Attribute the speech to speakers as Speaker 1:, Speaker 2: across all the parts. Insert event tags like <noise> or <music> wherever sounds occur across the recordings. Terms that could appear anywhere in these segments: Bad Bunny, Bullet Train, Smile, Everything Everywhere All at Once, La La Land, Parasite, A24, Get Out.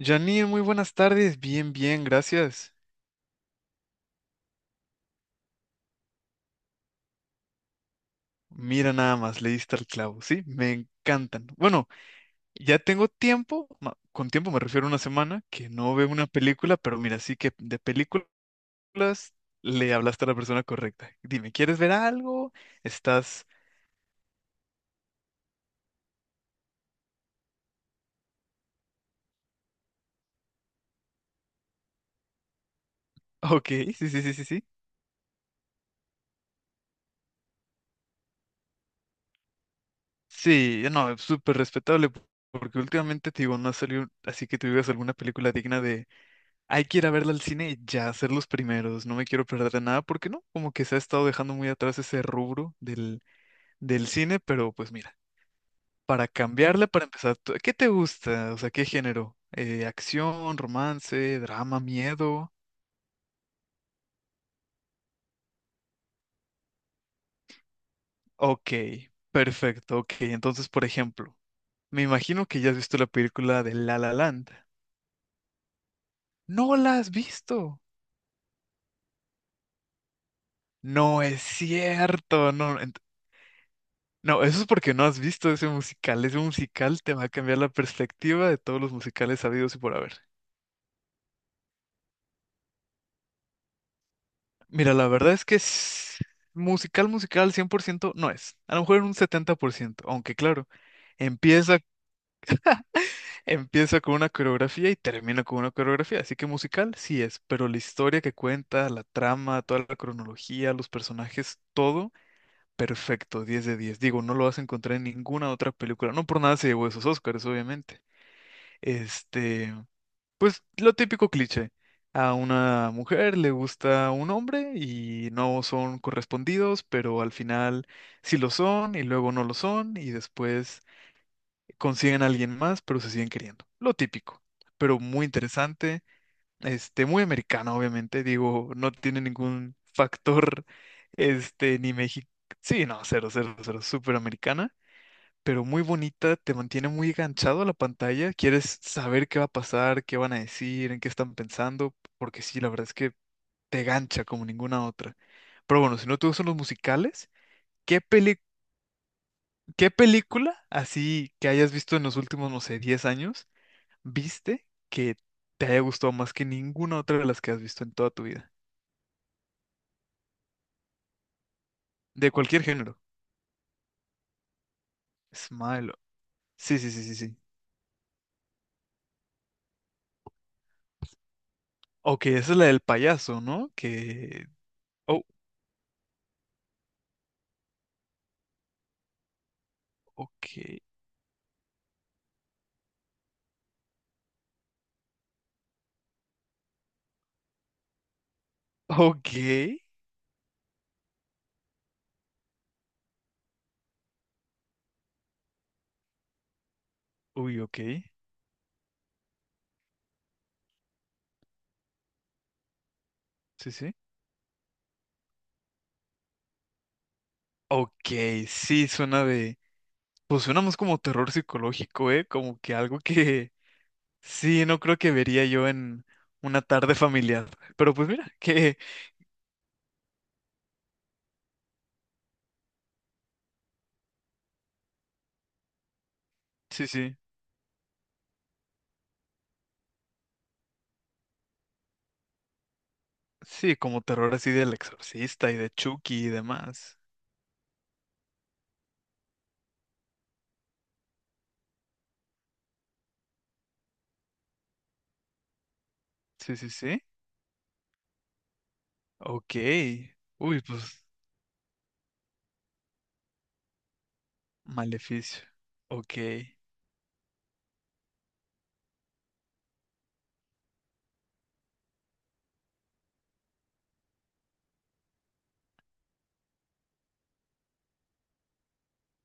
Speaker 1: Janine, muy buenas tardes. Bien, bien, gracias. Mira nada más, le diste al clavo, ¿sí? Me encantan. Bueno, ya tengo tiempo, con tiempo me refiero a una semana, que no veo una película, pero mira, sí que de películas le hablaste a la persona correcta. Dime, ¿quieres ver algo? ¿Estás... <laughs> Ok, sí, sí, sí, sí, sí. Sí, no, es súper respetable, porque últimamente te digo, no ha salido, así que tú digas alguna película digna. Hay que ir a verla al cine y ya ser los primeros. No me quiero perder de nada porque no, como que se ha estado dejando muy atrás ese rubro del cine, pero pues mira, para cambiarle, para empezar, ¿qué te gusta? O sea, ¿qué género? Acción, romance, drama, miedo. Ok, perfecto, ok. Entonces, por ejemplo, me imagino que ya has visto la película de La La Land. No la has visto. No es cierto, no. No, eso es porque no has visto ese musical. Ese musical te va a cambiar la perspectiva de todos los musicales sabidos y por haber. Mira, la verdad es que musical, musical 100 por ciento no es. A lo mejor en un 70 por ciento, aunque claro, empieza, empieza con una coreografía y termina con una coreografía. Así que musical sí es, pero la historia que cuenta, la trama, toda la cronología, los personajes, todo perfecto, 10 de 10. Digo, no lo vas a encontrar en ninguna otra película. No por nada se llevó esos Oscars, obviamente. Este. Pues lo típico cliché. A una mujer le gusta un hombre y no son correspondidos, pero al final sí lo son y luego no lo son y después consiguen a alguien más, pero se siguen queriendo. Lo típico, pero muy interesante, muy americano, obviamente. Digo, no tiene ningún factor, <laughs> ni México. Sí, no, cero, cero, cero, súper americana pero muy bonita, te mantiene muy enganchado a la pantalla, quieres saber qué va a pasar, qué van a decir, en qué están pensando, porque sí, la verdad es que te gancha como ninguna otra. Pero bueno, si no te gustan los musicales, ¿qué peli- ¿qué película así que hayas visto en los últimos, no sé, 10 años, viste que te haya gustado más que ninguna otra de las que has visto en toda tu vida? De cualquier género. Smile. Sí, sí, sí, sí, sí. Ok, esa es la del payaso, ¿no? Que... Oh, ok. <laughs> Ok. Uy, ok. Sí, sí. Ok, sí, suena de... Pues suena más como terror psicológico, ¿eh? Como que algo que <laughs> sí, no creo que vería yo en una tarde familiar. Pero pues mira, <laughs> que... Sí, sí. Sí, como terror así del exorcista y de Chucky y demás. Sí, sí, sí. Ok. Uy, pues maleficio. Ok. <laughs>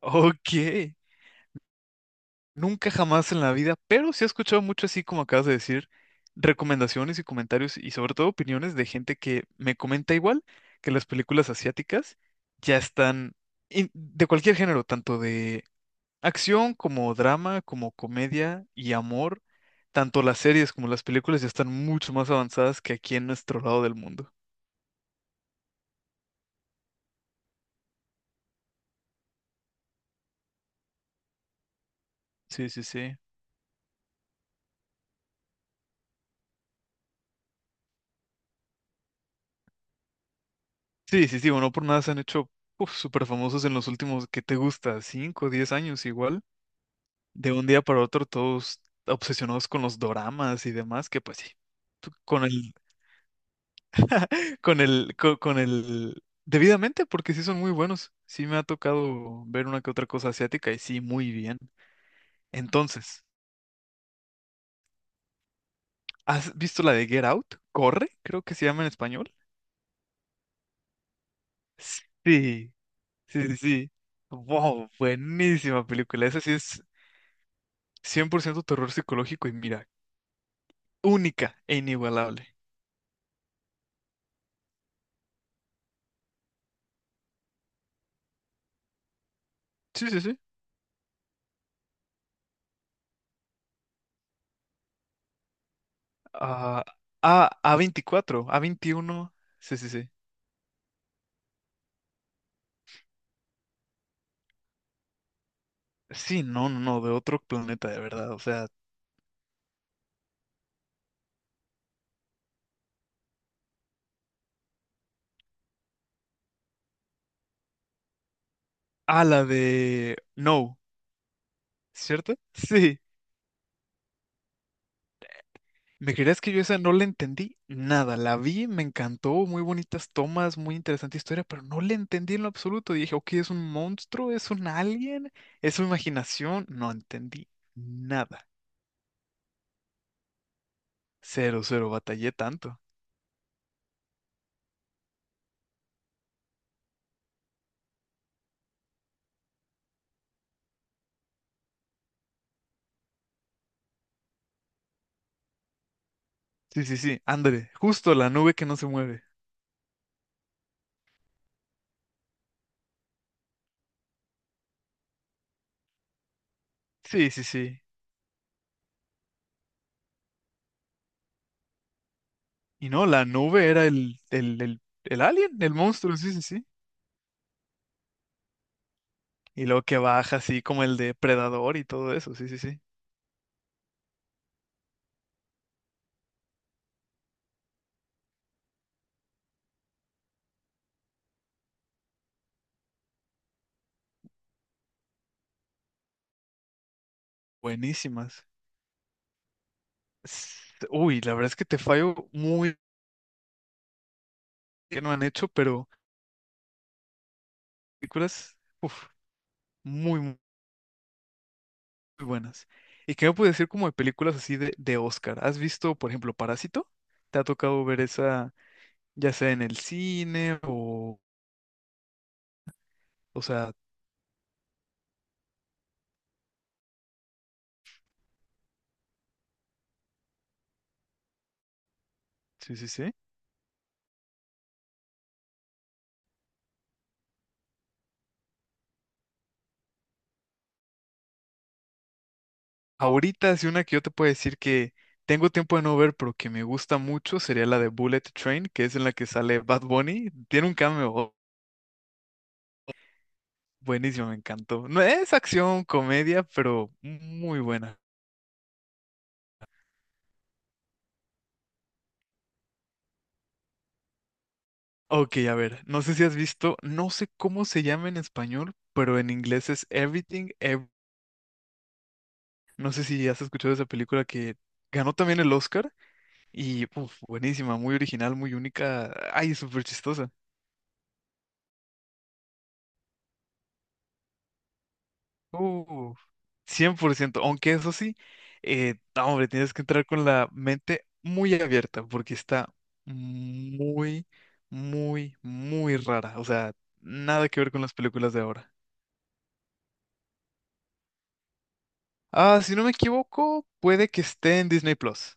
Speaker 1: Ok. Nunca jamás en la vida, pero sí he escuchado mucho así como acabas de decir, recomendaciones y comentarios y sobre todo opiniones de gente que me comenta igual que las películas asiáticas ya están de cualquier género, tanto de acción como drama, como comedia y amor, tanto las series como las películas ya están mucho más avanzadas que aquí en nuestro lado del mundo. Sí, sí, sí. Sí, sí, sí, bueno, no por nada se han hecho uf, súper famosos en los últimos que te gusta, 5, 10 años igual. De un día para otro todos obsesionados con los doramas y demás, que pues sí, con el, <laughs> con el, con, el, debidamente, porque sí son muy buenos. Sí me ha tocado ver una que otra cosa asiática y sí, muy bien. Entonces, ¿has visto la de Get Out? Corre, creo que se llama en español. Sí, sí, sí, sí. Wow, buenísima película. Esa sí es 100 por ciento terror psicológico y mira, única e inigualable. Sí, sí, sí. Ah, A, A24, A21. Sí, sí, sí. Sí, no, no, no, de otro planeta, de verdad. O sea, a la de No, ¿cierto? <laughs> Sí. ¿Me creías que yo esa no la entendí? Nada, la vi, me encantó, muy bonitas tomas, muy interesante historia, pero no la entendí en lo absoluto. Dije, ok, ¿es un monstruo? ¿Es un alien? ¿Es su imaginación? No entendí nada. Cero, cero, batallé tanto. Sí, sí, sí, André, justo la nube que no se mueve. Sí, sí, sí. Y no, la nube era el alien, el monstruo, sí, sí, sí. Y luego que baja así como el depredador y todo eso, sí, sí, sí. Buenísimas. S- Uy, la verdad es que te fallo muy que no han hecho, pero películas, uf, muy, muy buenas. ¿Y qué me puedes decir como de películas así de Oscar? ¿Has visto, por ejemplo, Parásito? ¿Te ha tocado ver esa, ya sea en el cine o sea, sí, sí, sí. Ahorita es una que yo te puedo decir que tengo tiempo de no ver, pero que me gusta mucho, sería la de Bullet Train, que es en la que sale Bad Bunny. Tiene un cameo buenísimo, me encantó. No es acción, comedia, pero muy buena. Ok, a ver, no sé si has visto, no sé cómo se llama en español, pero en inglés es no sé si has escuchado esa película que ganó también el Oscar y uf, buenísima, muy original, muy única, ay, súper chistosa. Uh, 100 por ciento aunque eso sí, no, hombre, tienes que entrar con la mente muy abierta porque está muy, muy, muy rara. O sea, nada que ver con las películas de ahora. Ah, si no me equivoco, puede que esté en Disney Plus.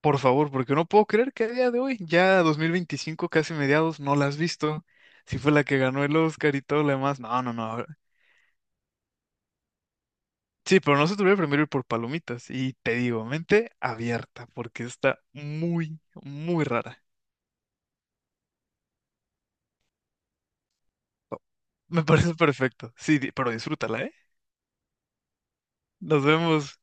Speaker 1: Por favor, porque no puedo creer que a día de hoy, ya 2025 casi mediados, no la has visto. Si fue la que ganó el Oscar y todo lo demás. No, no, no. Sí, pero no se te voy a primero ir por palomitas. Y te digo, mente abierta, porque está muy, muy rara. Me parece perfecto. Sí, pero disfrútala, ¿eh? Nos vemos.